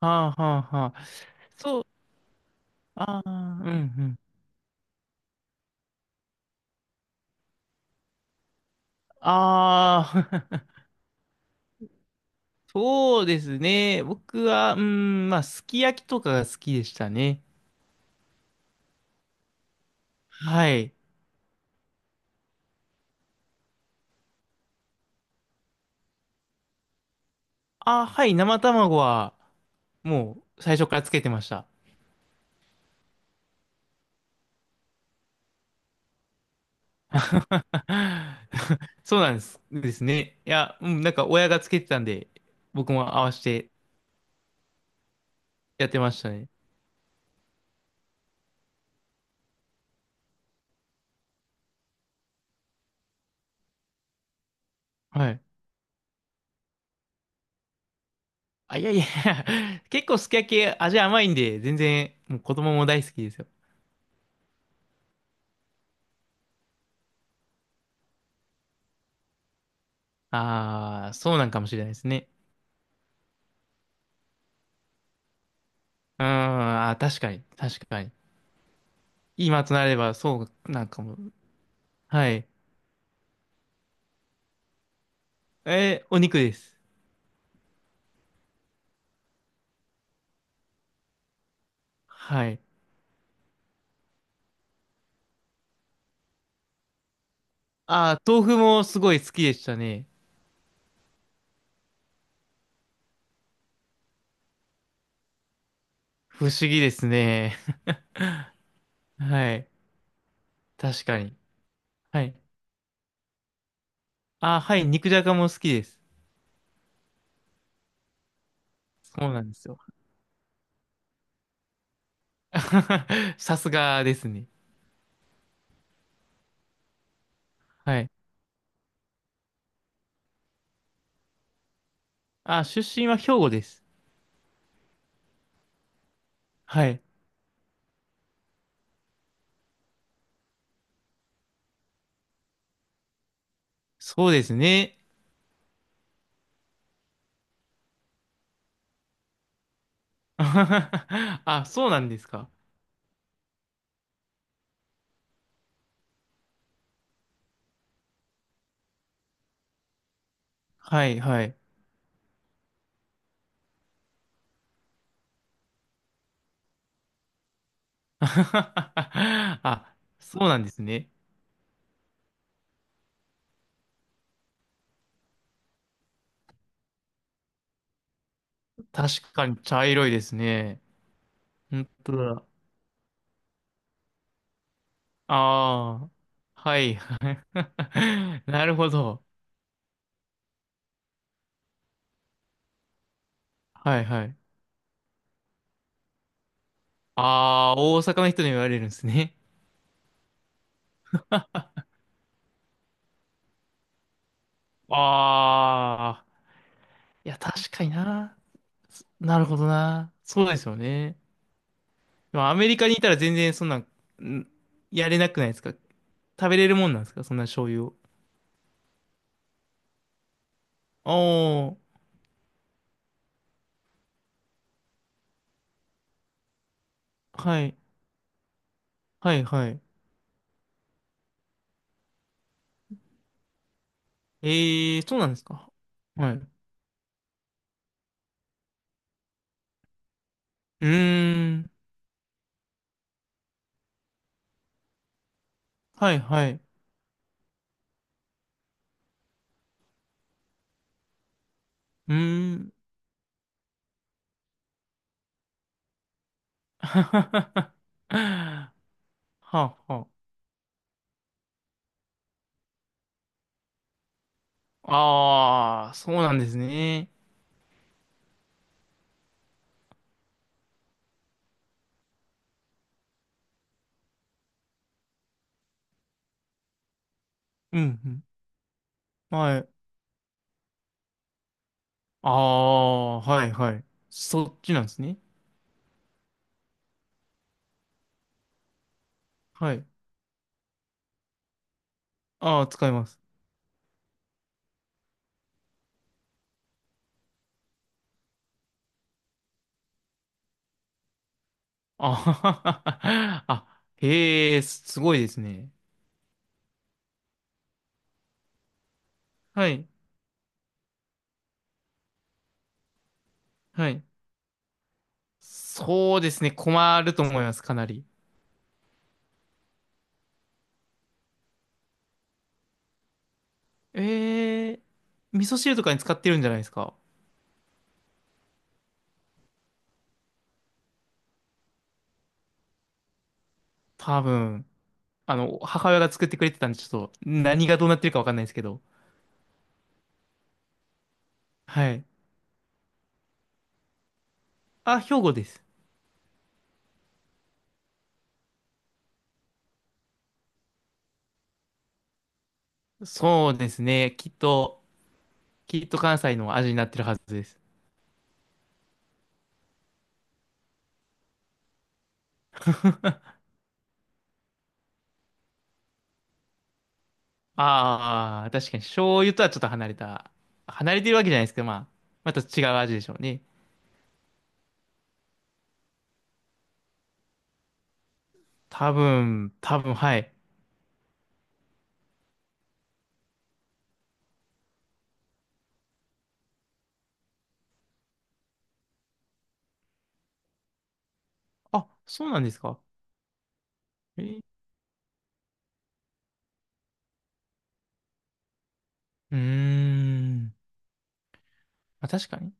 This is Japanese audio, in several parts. はあはあはあ。そう、ああ、うんうん。ああ、そうですね。僕は、うん、まあ、すき焼きとかが好きでしたね。はい。あ、はい、生卵は、もう、最初からつけてました。そうなんです。ですね。いや、うん、なんか、親がつけてたんで、僕も合わせてやってましたね。はい。あ、いやいや 結構すき焼き味甘いんで、全然、もう子供も大好きですよ。ああ、そうなんかもしれないですね。うーん、確かに、確かに。今となれば、そう、なんかもう。はい。お肉です。はい。あー、豆腐もすごい好きでしたね。不思議ですね。はい。確かに。はい。あー、はい、肉じゃがも好きです。そうなんですよ。さすがですね。はい。あー、出身は兵庫です。はい。そうですね。あ、そうなんですか？はい、はい。あ、そうなんですね。確かに茶色いですね。本当だ。ああ、はい、はい。なるほど。はい、はい。ああ、大阪の人に言われるんですね。ああ、いや、確かにな。そなるほどな。そうですよね。でもアメリカにいたら全然そんなん、んやれなくないですか？食べれるもんなんですか、そんな醤油を。ああ、はい、はい、はい。ええー、そうなんですか？はい。うーん、はい、はい。うーん。はあ、はあ。ああ、そうなんですね。うん、うん。はい。ああ、はい、はい。そっちなんですね。はい。ああ、使います。あははは。あ、へえ、すごいですね。はい、はい。そうですね。困ると思います、かなり。ええ、味噌汁とかに使ってるんじゃないですか。多分。あの、母親が作ってくれてたんで、ちょっと、何がどうなってるかわかんないですけど。はい。あ、兵庫です。そうですね。きっと関西の味になってるはずです。ああ、確かに醤油とはちょっと離れた。離れてるわけじゃないですけど、まあ、また違う味でしょうね。多分、多分、はい。あ、そうなんですか？えうーん。あ、確かに。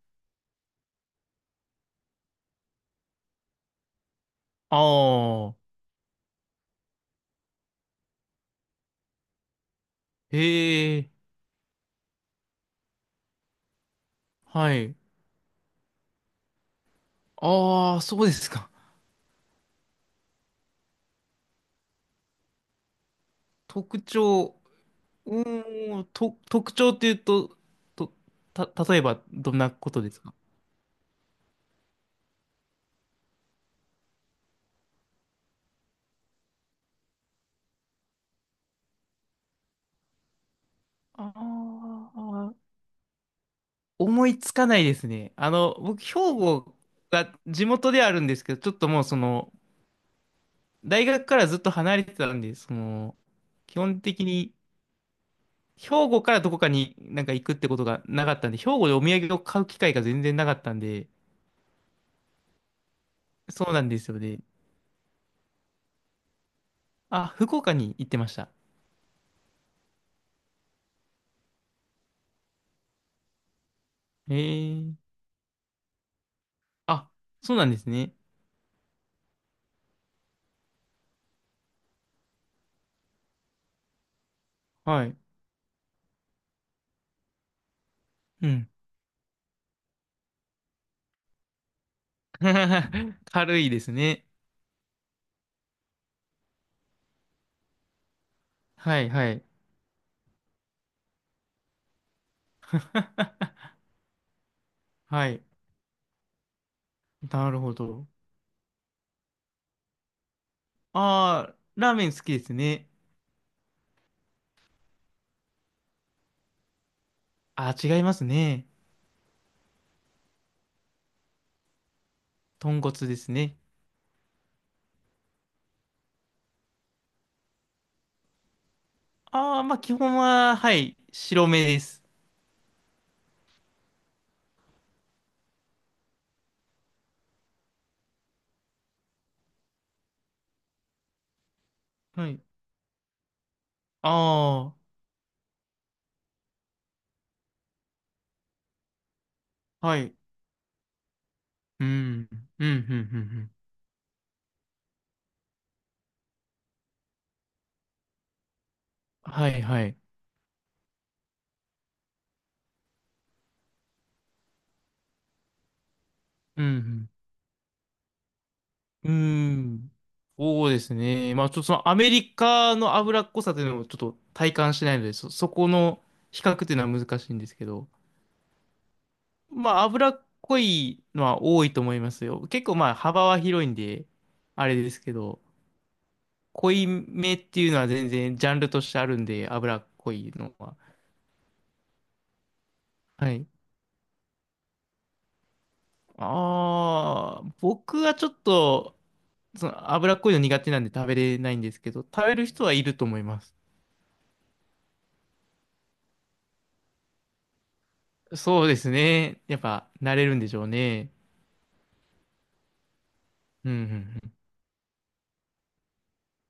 ああ、へえ、はい。ああ、そうですか。特徴、うーん、特徴っていうと、と、例えばどんなことですか？ああー、思いつかないですね。あの、僕、兵庫が地元ではあるんですけど、ちょっともうその、大学からずっと離れてたんで、その、基本的に、兵庫からどこかになんか行くってことがなかったんで、兵庫でお土産を買う機会が全然なかったんで、そうなんですよね。あ、福岡に行ってました。へえ。あ、そうなんですね。はい。うん。軽いですね。はいはい。はい。なるほど。ああ、ラーメン好きですね。あ、違いますね。豚骨ですね。ああ、まあ基本は、はい、白目です。はい。ああ、はい。うん、うん、うん、うん。うんはい、はい。うん、うん。うーん。そうですね。まあちょっとそのアメリカの脂っこさというのをちょっと体感しないので、そこの比較というのは難しいんですけど、まあ脂っこいのは多いと思いますよ。結構まあ幅は広いんで、あれですけど。濃いめっていうのは全然ジャンルとしてあるんで、脂っこいのは。はい。ああ、僕はちょっと、その脂っこいの苦手なんで食べれないんですけど、食べる人はいると思います。そうですね。やっぱ慣れるんでしょうね。うんうんうん